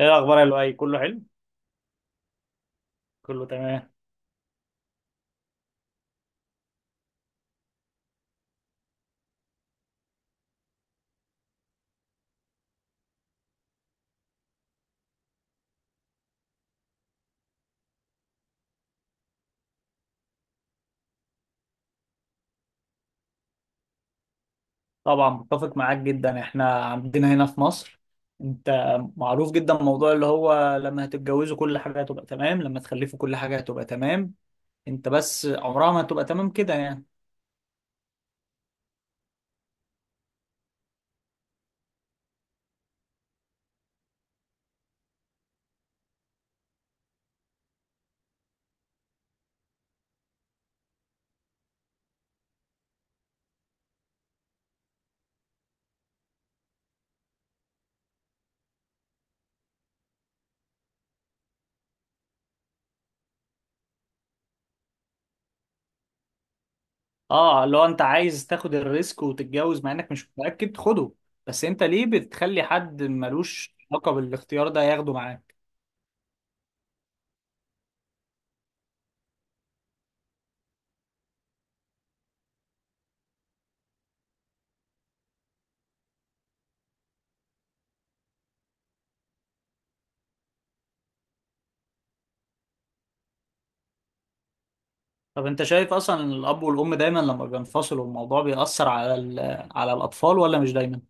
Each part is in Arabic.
ايه الاخبار يا لؤي، كله حلو؟ كله تمام. طبعا متفق معاك جدا. احنا عندنا هنا في مصر، انت معروف جدا موضوع اللي هو لما هتتجوزوا كل حاجه هتبقى تمام، لما تخلفوا كل حاجه هتبقى تمام. انت بس عمرها ما هتبقى تمام كده يعني. اه لو انت عايز تاخد الريسك وتتجوز مع انك مش متاكد خده، بس انت ليه بتخلي حد ملوش علاقه بالاختيار ده ياخده معاك؟ طب انت شايف اصلا الاب والام دايما لما بينفصلوا الموضوع بيأثر على على الاطفال ولا مش دايما؟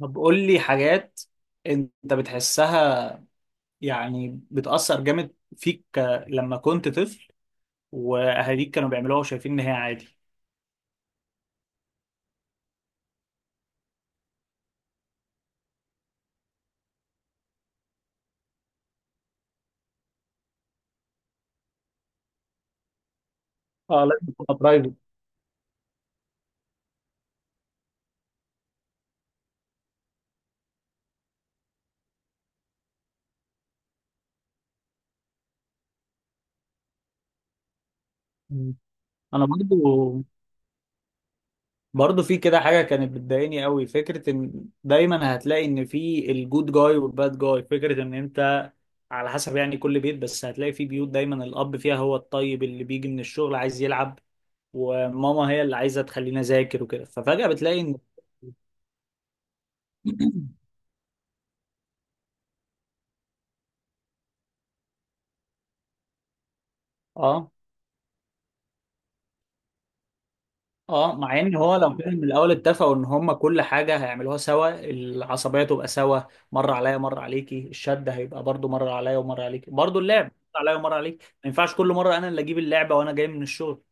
طب قول لي حاجات انت بتحسها يعني بتأثر جامد فيك لما كنت طفل واهاليك كانوا بيعملوها وشايفين ان هي عادي؟ اه لازم تبقى برايفت. مم. انا برضو برضو في كده حاجة كانت بتضايقني قوي، فكرة ان دايما هتلاقي ان في الجود جاي والباد جاي، فكرة ان انت على حسب يعني كل بيت، بس هتلاقي في بيوت دايما الاب فيها هو الطيب اللي بيجي من الشغل عايز يلعب وماما هي اللي عايزة تخلينا ذاكر وكده، ففجأة بتلاقي ان اه. اه مع ان هو لو كان من الاول اتفقوا ان هم كل حاجه هيعملوها سوا، العصبيه تبقى سوا، مره عليا مره عليكي، الشد هيبقى برضو مره عليا ومره عليكي، برضو اللعب مره عليا ومره عليك. ما ينفعش كل مره انا اللي اجيب اللعبه وانا جاي من الشغل.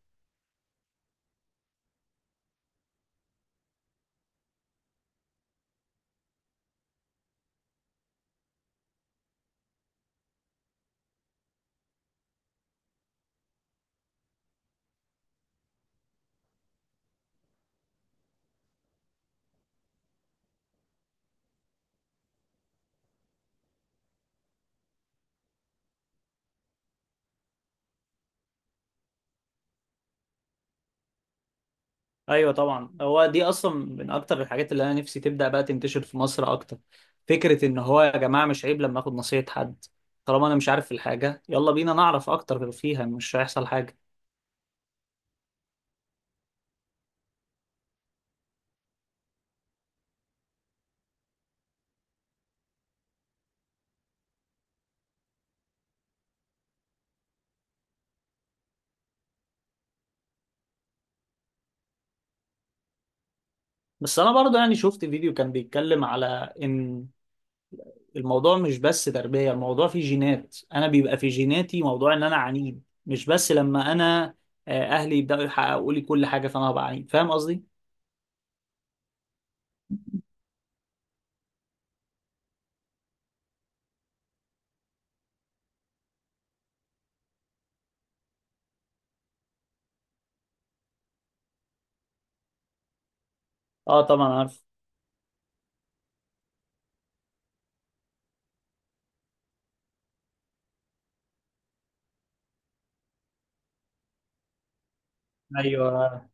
ايوه طبعا، هو دي اصلا من اكتر الحاجات اللي انا نفسي تبدا بقى تنتشر في مصر اكتر، فكره ان هو يا جماعه مش عيب لما اخد نصيحه حد. طالما انا مش عارف الحاجه يلا بينا نعرف اكتر فيها، مش هيحصل حاجه. بس انا برضو يعني شفت فيديو كان بيتكلم على ان الموضوع مش بس تربية، الموضوع فيه جينات. أنا بيبقى في جيناتي موضوع إن أنا عنيد، مش بس لما أنا أهلي يبدأوا يحققوا لي كل حاجة فأنا هبقى عنيد، فاهم قصدي؟ أه طبعا عارف. أيوه.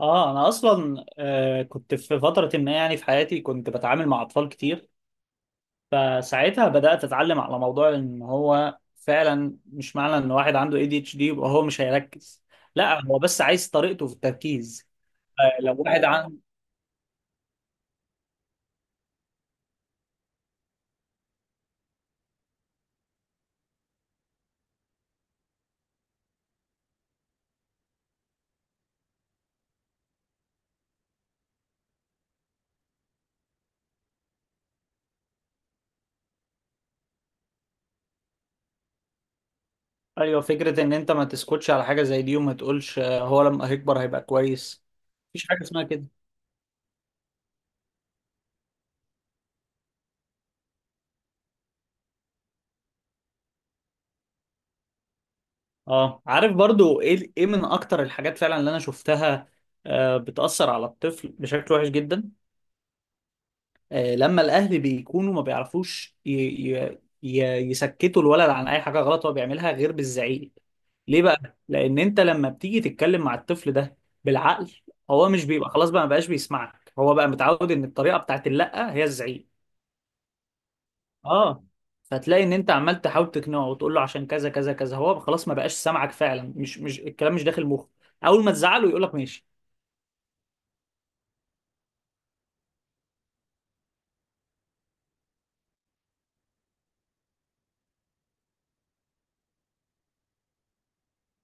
أه أنا أصلا كنت في فترة ما يعني في حياتي كنت بتعامل مع أطفال كتير، فساعتها بدأت أتعلم على موضوع إن هو فعلا مش معنى إن واحد عنده ADHD يبقى هو مش هيركز. لا هو بس عايز طريقته في التركيز. آه، لو واحد عن... ايوه فكره ان انت ما تسكتش على حاجه زي دي وما تقولش هو لما هيكبر هيبقى كويس. مفيش حاجه اسمها كده. اه عارف برضو، ايه ايه من اكتر الحاجات فعلا اللي انا شفتها بتأثر على الطفل بشكل وحش جدا؟ لما الاهل بيكونوا ما بيعرفوش ي... ي... يسكتوا الولد عن اي حاجه غلط هو بيعملها غير بالزعيق. ليه بقى؟ لان انت لما بتيجي تتكلم مع الطفل ده بالعقل هو مش بيبقى، خلاص بقى ما بقاش بيسمعك، هو بقى متعود ان الطريقه بتاعت اللأ هي الزعيق. اه. فتلاقي ان انت عمال تحاول تقنعه وتقول له عشان كذا كذا كذا، هو خلاص ما بقاش سامعك فعلا، مش الكلام مش داخل مخه. اول ما تزعله يقول لك ماشي.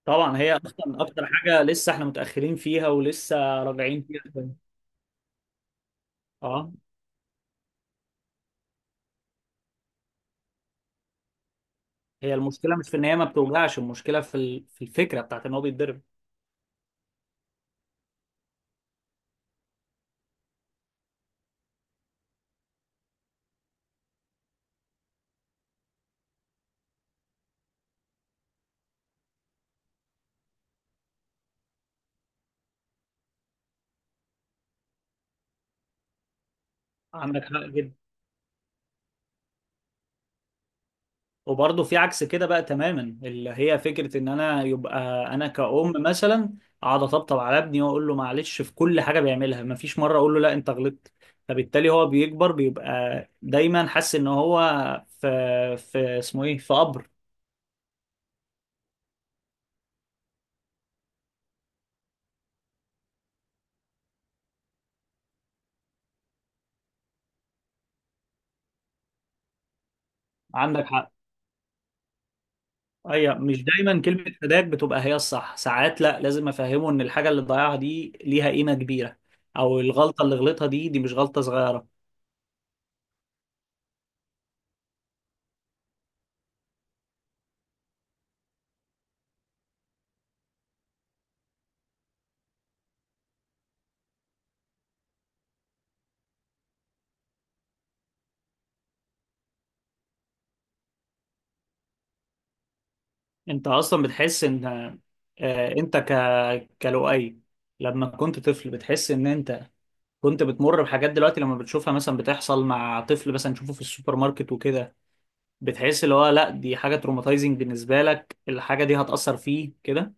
طبعا، هي اصلا اكتر حاجه لسه احنا متاخرين فيها ولسه راجعين فيها شوية. اه. هي المشكله مش في ان هي ما بتوجعش، المشكله في في الفكره بتاعت ان هو بيتضرب. عندك حق جدا. وبرضه في عكس كده بقى تماما، اللي هي فكرة ان انا يبقى انا كأم مثلا اقعد اطبطب على ابني واقول له معلش في كل حاجة بيعملها، مفيش مرة اقول له لا انت غلطت، فبالتالي هو بيكبر بيبقى دايما حاسس ان هو في في اسمه ايه، في قبر. عندك حق. ايوه، مش دايما كلمة فداك بتبقى هي الصح، ساعات لا، لازم افهمه ان الحاجة اللي ضيعها دي ليها قيمة كبيرة، او الغلطة اللي غلطها دي، دي مش غلطة صغيرة. انت اصلا بتحس ان انت كلؤي لما كنت طفل، بتحس ان انت كنت بتمر بحاجات دلوقتي لما بتشوفها مثلا بتحصل مع طفل، مثلا تشوفه في السوبر ماركت وكده، بتحس اللي هو لا دي حاجة تروماتايزنج بالنسبة لك، الحاجة دي هتأثر فيه كده؟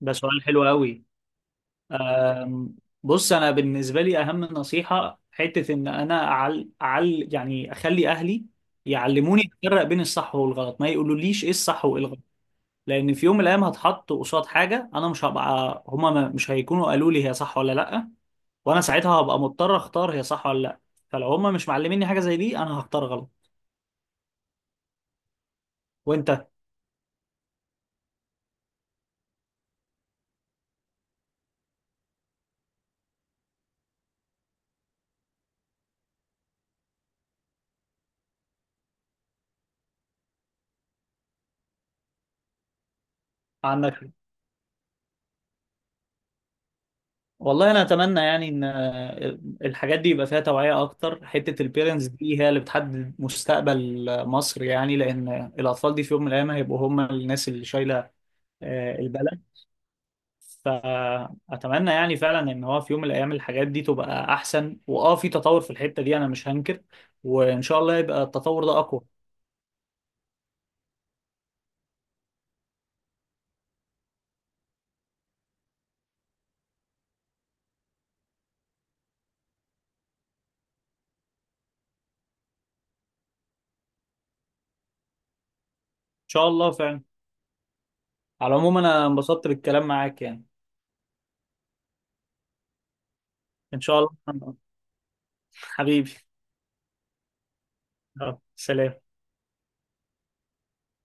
ده سؤال حلو قوي. أم، بص انا بالنسبة لي اهم نصيحة حتة ان انا يعني اخلي اهلي يعلموني افرق بين الصح والغلط، ما يقولوليش ايه الصح وايه الغلط، لان في يوم من الايام هتحط قصاد حاجه انا مش هبقى هما ما- مش هيكونوا قالوا لي هي صح ولا لا، وانا ساعتها هبقى مضطر اختار هي صح ولا لا، فلو هما مش معلميني حاجه زي دي انا هختار غلط. وانت؟ عندك، والله انا اتمنى يعني ان الحاجات دي يبقى فيها توعيه اكتر، حته البيرنتس دي هي اللي بتحدد مستقبل مصر يعني، لان الاطفال دي في يوم من الايام هيبقوا هما الناس اللي شايله البلد. فأتمنى يعني فعلا إن هو في يوم من الأيام الحاجات دي تبقى أحسن، وأه في تطور في الحتة دي أنا مش هنكر، وإن شاء الله يبقى التطور ده أقوى. إن شاء الله فعلا. على العموم أنا انبسطت بالكلام معاك يعني. إن شاء الله. حبيبي. يلا، سلام.